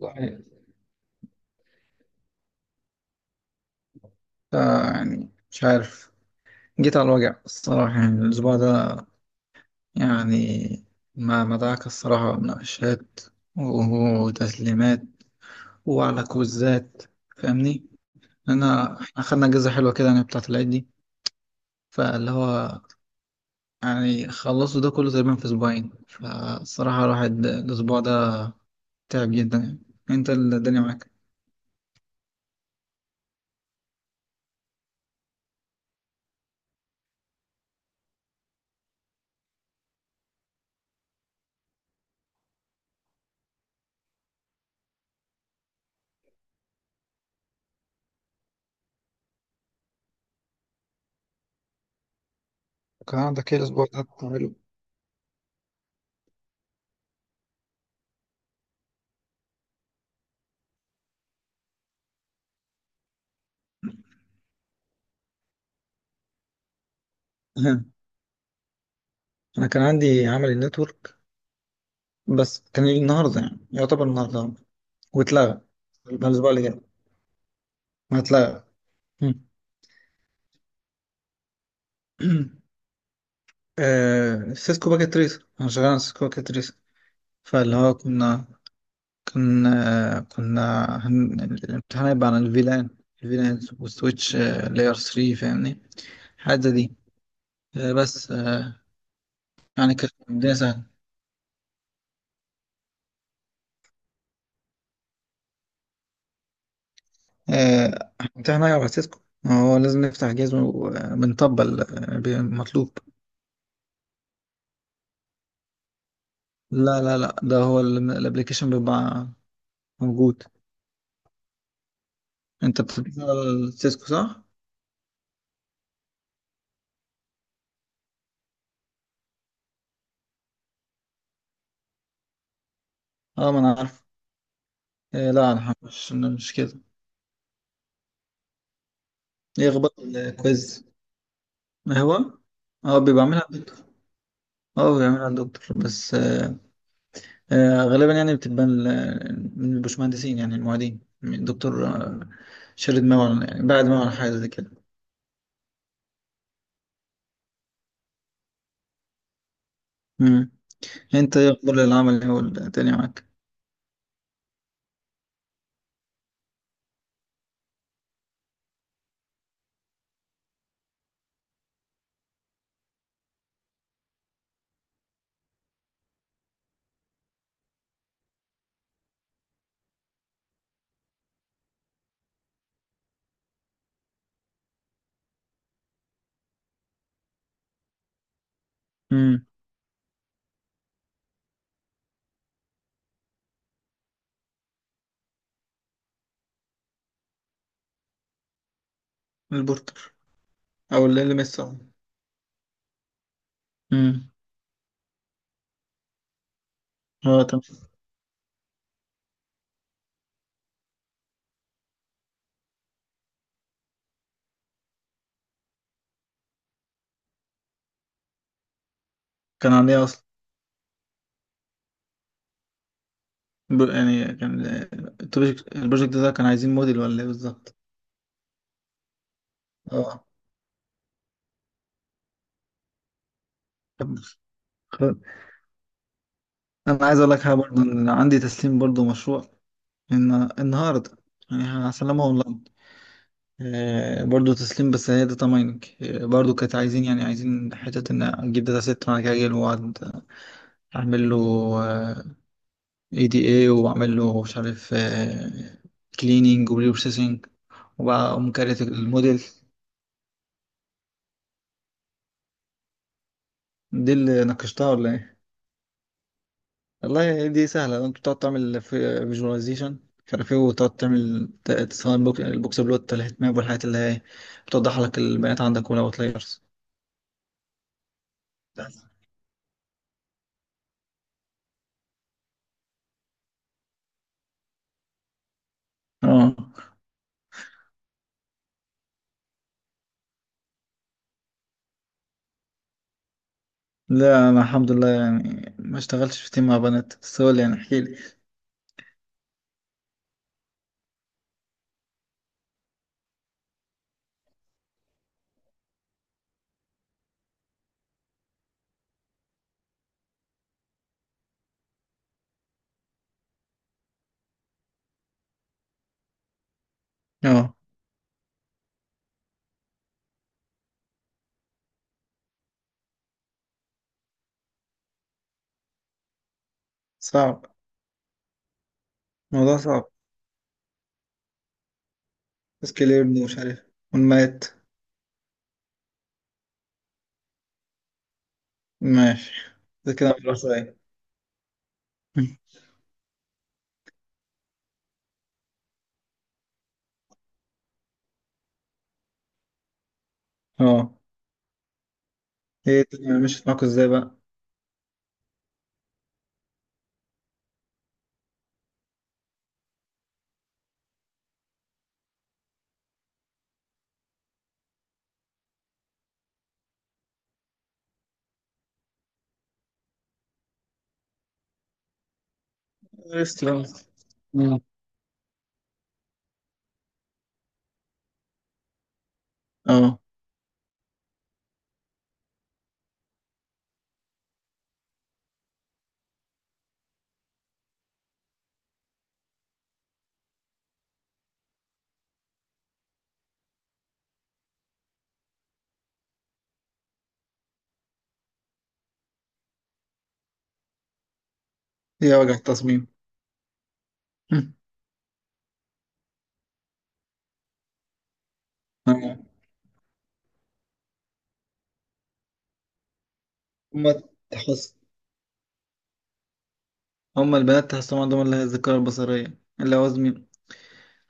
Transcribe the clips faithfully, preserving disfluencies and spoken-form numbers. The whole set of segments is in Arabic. والله، ده يعني مش عارف. جيت على الوجع الصراحة يعني الأسبوع ده، يعني ما مدعك الصراحة مناقشات وتسليمات وعلى كوزات. فاهمني؟ أنا إحنا خدنا أجازة حلوة كده يعني بتاعة العيد دي. فاللي هو يعني خلصوا ده كله تقريبا في أسبوعين، فالصراحة الواحد الأسبوع ده تعب جدا يعني. أنت الدنيا معاك؟ كان عندك ايه الأسبوع ده بتعمله؟ أنا كان عندي عملي نتورك، بس كان النهارده يعني يعتبر النهارده واتلغى. يبقى الاسبوع اللي جاي ما اتلغى. مم. آه سيسكو باكيت تريس. انا شغال على سيسكو باكيت تريس. فاللي هو كنا، كان آه كنا هن... الامتحان هيبقى عن الفيلان الفيلان والسويتش، آه لاير تلاتة. فاهمني؟ حاجة زي دي. آه بس آه يعني كانت الدنيا سهلة. آه امتحان هيبقى على سيسكو، ما هو لازم نفتح جهاز ون- وبنطبق ال- المطلوب. لا لا لا، ده هو الابلكيشن بيبقى موجود. انت بتدرس سيسكو صح؟ اه، ما انا عارف. آه لا انا، حق- مش مش كده. ايه اخبار الكويز؟ ما هو اه بيبقى عاملها الدكتور. اه بيعملها الدكتور، بس آه آه غالبا يعني بتبقى ال- من البشمهندسين، يعني المعيدين من الدكتور آه شارد ماون، يعني بعد ماون حاجه زي كده. امم انت ايه اخبار العمل هو التاني معاك؟ امم البورتر، او ال ال ام اس. امم اه تمام. كان عليه اصلا. ب- يعني كان البروجكت البروجكت ده كان عايزين موديل ولا ايه بالظبط؟ اه، طب خ- انا عايز اقول لك حاجه برضه، ان عندي تسليم برضه مشروع، ان النهارده يعني هسلمه اونلاين. آه برضه تسليم، بس هي داتا مايننج. آه برضه كانت عايزين، يعني عايزين حته ان اجيب داتا سيت، وانا جاي واقعد اعمل له اي دي اي، واعمل له مش عارف كليننج وبري بروسيسنج، وبقى أقوم كارت الموديل. دي اللي ناقشتها ولا إيه؟ والله دي سهلة، انت بتقعد تعمل فيجواليزيشن مش عارف ايه، وتقعد تعمل ت- تصمم البوك- البوكس بلوت، الهيت ماب، والحاجات اللي هي بتوضح لك البيانات عندك والاوت لايرز. اه، لا انا الحمد لله يعني ما اشتغلتش في تيم مع بنات، بس هو اللي يعني احكي لي. اه صعب. الموضوع صعب. سكيل يبني مش عارف، والمات. ماشي، ده كده الموضوع صعب. اه، ايه الدنيا مشيت معاكوا ازاي بقى؟ استلمت. اه، ايه وجع التصميم. هما تحس، هما البنات تحسهم عندهم اللي هي الذاكرة البصرية اللي هو زمي-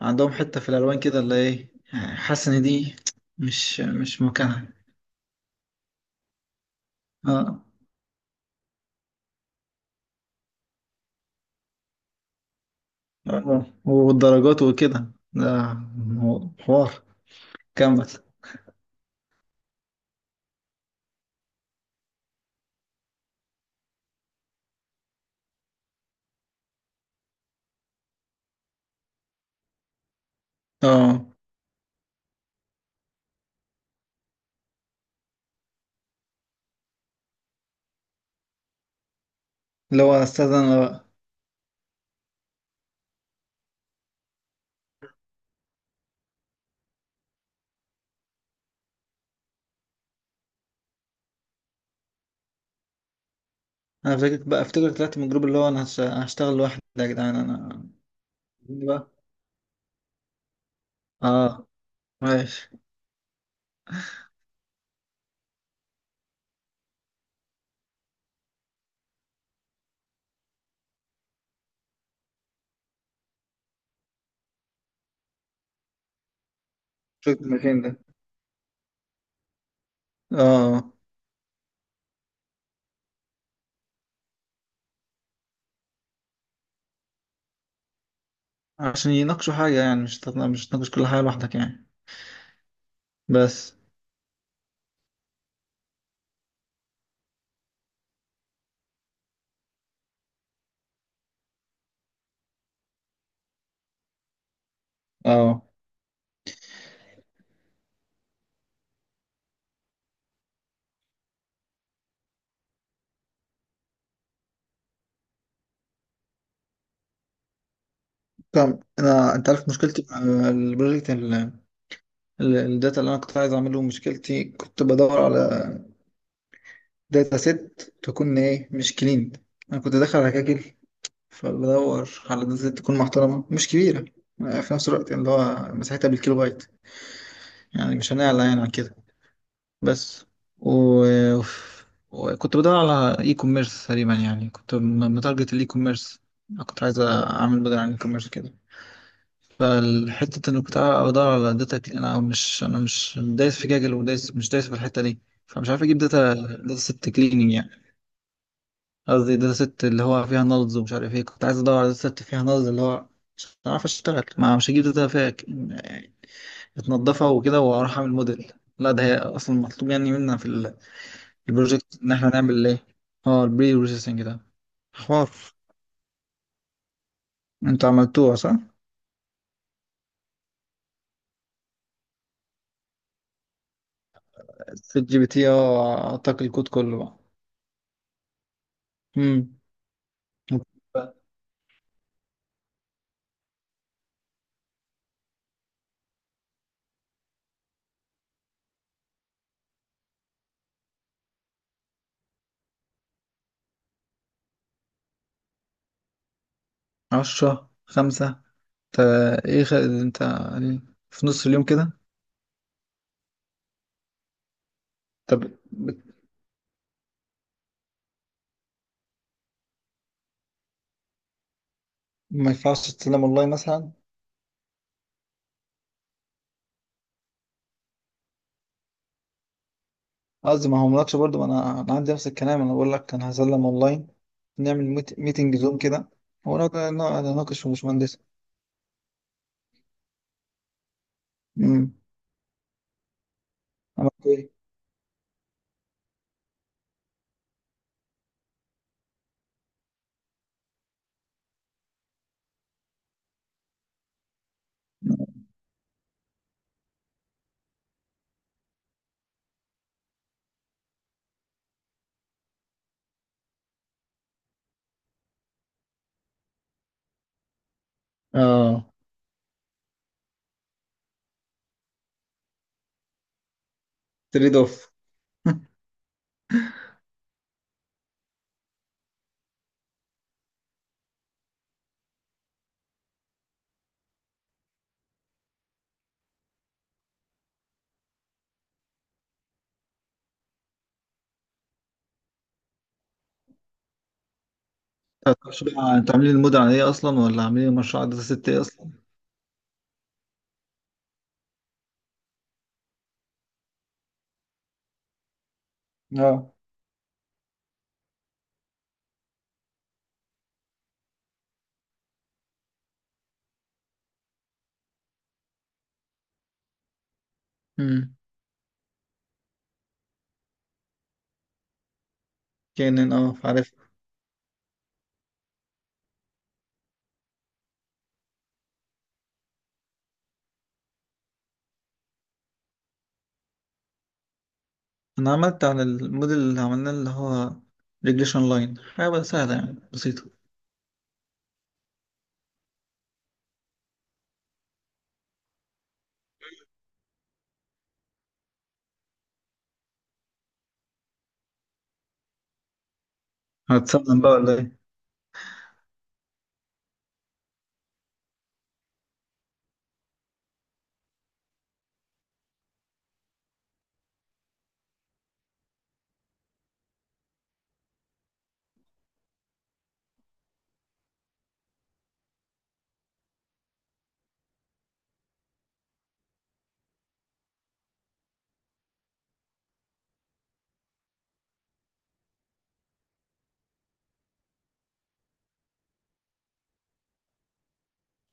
عندهم حتة في الألوان كده، اللي إيه يعني، حاسس إن دي مش مش مكانها. آه. آه. والدرجات وكده، ده مو- حوار. كمل. آه اللي هو أستاذ أنا بقى. أنا فاكرك بقى، أفتكرك طلعت من الجروب، اللي هو أنا هش- هشتغل لوحدي يا جدعان أنا بقى. آه، ماشي. شفت المكان ده. آه عشان يناقشوا حاجة، يعني مش تط- مش تناقش كل حاجة لوحدك يعني. بس اه. طب انا، انت عارف مشكلتي مع البروجكت ال- ال- الداتا اللي انا كنت عايز اعمله. مشكلتي كنت بدور على داتا سيت تكون ايه مش كلين. انا كنت داخل على كاجل، فبدور على داتا سيت تكون محترمه مش كبيره في نفس الوقت، يعني اللي هو مساحتها بالكيلو بايت، يعني مش هنعلى يعني عن كده. بس، و... وكنت بدور على اي كوميرس تقريبا، يعني كنت م- متارجت الاي كوميرس. كنت عايز اعمل موديل عن الاي كوميرس كده. فالحتة انك بتاع ادور على داتا، ك- انا مش انا مش دايس في جاجل، ودايس مش دايس في الحتة دي، فمش عارف اجيب داتا داتا ست كليننج يعني. قصدي داتا ست اللي هو فيها نلز ومش عارف ايه. كنت عايز ادور على داتا ست فيها نلز اللي هو مش عارف اشتغل، ما مش هجيب داتا فيها ك- اتنضفها وكده واروح اعمل موديل. لا ده هي اصلا مطلوب يعني منا في ال- البروجكت، ان احنا نعمل ايه، اه البري بروسيسنج ده. حوار. انتوا عملتوها صح؟ في الجي بي تي اه اعطاك الكود كله بقى. امم عشرة خمسة؟ انت، ايه خ... انت يعني في نص اليوم كده؟ طب ما ينفعش تسلم اونلاين مثلا؟ قصدي ما هو ملاتش برضه، ما انا انا عندي نفس الكلام، انا بقول لك انا هسلم اونلاين، نعمل ميت... ميتنج زوم كده، ونقعد نقعد نناقش في باشمهندس. امم عملت ايه؟ اه تريد اوف. طب المشروع- انتوا عاملين المود على ايه اصلا، ولا عاملين المشروع على داتا ست ايه اصلا؟ اه. امم. كان اه عارف. انا عملت على الموديل اللي عملناه، اللي هو ريجريشن لاين، حاجه بقى سهله يعني بسيطه. هتسلم بقى ولا ايه؟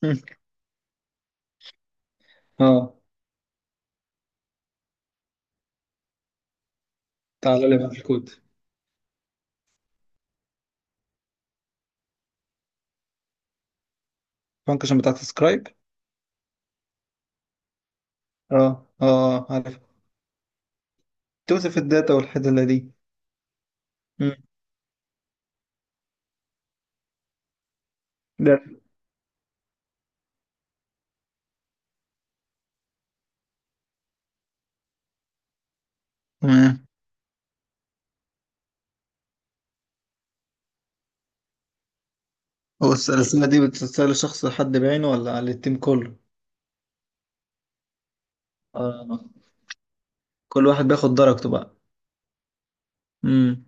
مم. اه، تعالى لي بقى في الكود. الفانكشن بتاعت سكرايب؟ اه اه، عارف. توصف الداتا والحدله دي. مم. ده تمام. هو الس- الرساله دي بتتسال لشخص حد بعينه ولا على التيم كله؟ اه، كل واحد بياخد درجته بقى. امم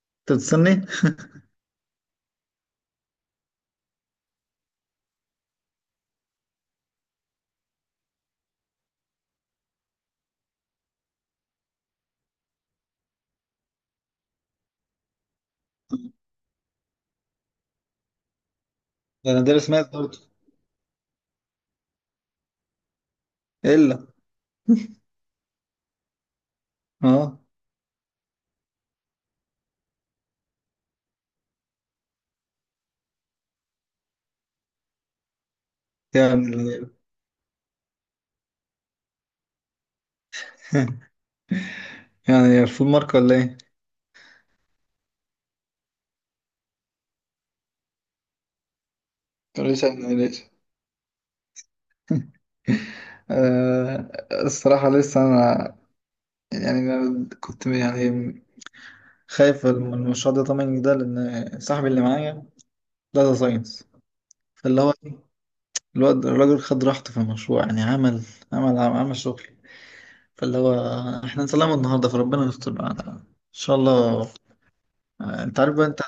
انت بتستني. ده انا دارس ماس برضه. الا، اه يعني. يعني فول مارك ولا ايه؟ كان لسه لسه. آه، الصراحة لسه أنا، يعني أنا كنت يعني خايف من المشروع ده. طمني ده، لأن صاحبي اللي معايا داتا ساينس. فاللي هو إيه، الواد الراجل خد راحته في المشروع، يعني عمل عمل عمل شغل. فاللي هو احنا نسلمه النهاردة، فربنا يستر بقى إن شاء الله. آه، أنت عارف بقى أنت.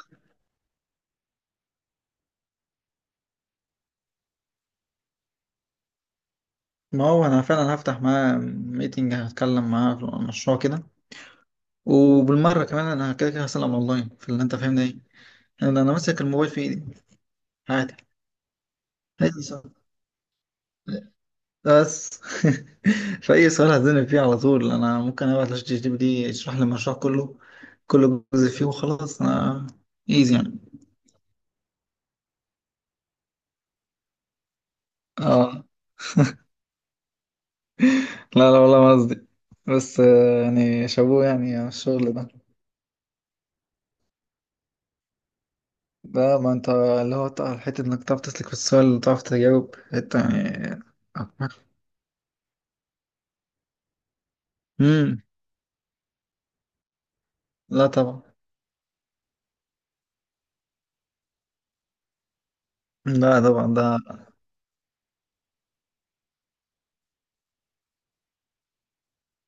ما هو أنا فعلا هفتح معاه ميتنج، هتكلم معاه في المشروع كده، وبالمرة كمان أنا كده كده هسلم أونلاين في اللي أنت فاهمني إيه. أنا أنا ماسك الموبايل في إيدي عادي. أي سؤال بس. فأي سؤال هتزنق فيه على طول أنا ممكن أبعت لشات جي بي تي يشرح لي المشروع كله، كل جزء فيه وخلاص. أنا إيزي يعني. آه لا لا، والله ما قصدي، بس آه، يعني شابوه يعني على الشغل ده. ده ما أنت اللي هو تع- حتة إنك تعرف تسلك في السؤال، تعرف تجاوب حتة يعني. مم. لا طبعا. لا طبعا ده.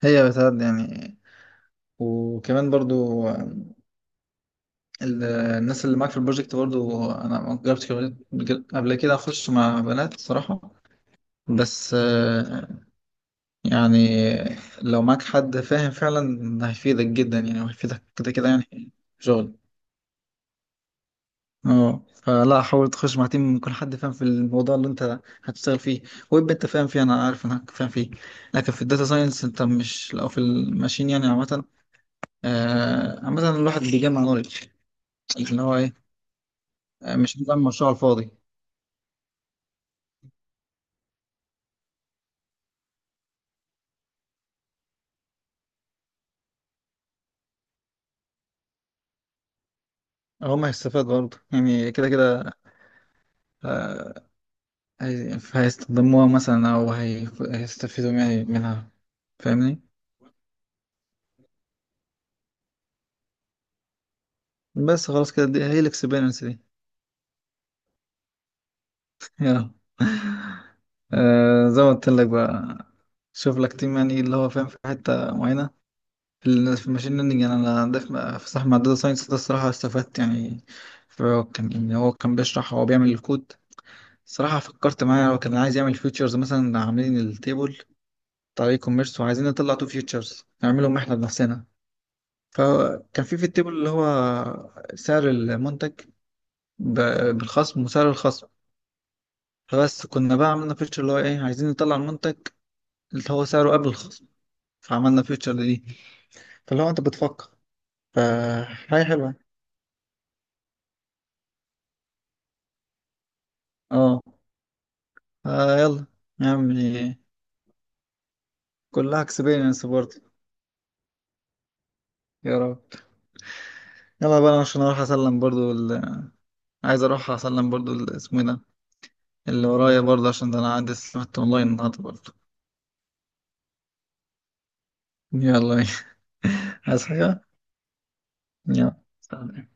هي بتاعت يعني. وكمان برضو ال- الناس اللي معاك في البروجكت برضو. انا ما جربتش كده- قبل كده اخش مع بنات الصراحه. بس آه، يعني لو معاك حد فاهم فعلا هيفيدك جدا، يعني وهيفيدك كده كده يعني في شغل. اه، فلا، حاول تخش مع تيم يكون حد فاهم في الموضوع اللي انت هتشتغل فيه. ويب انت فاهم فيه، انا عارف انك فاهم فيه، لكن في الداتا ساينس انت مش، لو في الماشين يعني عامه. آه، عامه الواحد بيجمع نولج اللي هو ايه، آه، مش بيعمل مشروع على الفاضي. هو ما هيستفاد برضه يعني كده كده. آه، هي- هيستخدموها مثلا، او هي- هيستفيدوا يعني منها، فاهمني. بس خلاص كده دي هي الاكسبيرينس دي. يلا. آه، زي ما قلت لك بقى، شوف لك تيم يعني اللي هو فاهم في حته معينه. في ال- في الماشين ليرنينج يعني، انا عندي في في صاحب داتا ساينس ده الصراحه استفدت يعني. فهو كان يعني، هو كان بيشرح، هو بيعمل الكود الصراحه. فكرت معاه، هو كان عايز يعمل فيتشرز مثلا، عاملين التيبل طريق كوميرس، وعايزين نطلع تو فيوتشرز نعملهم احنا بنفسنا. فكان في في التيبل اللي هو سعر المنتج ب- بالخصم وسعر الخصم. فبس كنا بقى عملنا فيتشر اللي هو ايه عايزين نطلع المنتج اللي هو سعره قبل الخصم، فعملنا فيتشر دي. فاللي هو انت بتفكر فحاجة حلوة. اه آه، يلا يا عمي. كلها اكسبيرينس برضه. يا رب. يلا بقى أنا عشان اروح اسلم برضه ال... عايز اروح اسلم برضه ال- اسمه ايه ده اللي ورايا برضه، عشان ده انا عندي سمعت اونلاين النهارده برضه. يلا ماشي. عايز حاجة؟ يلا سلام.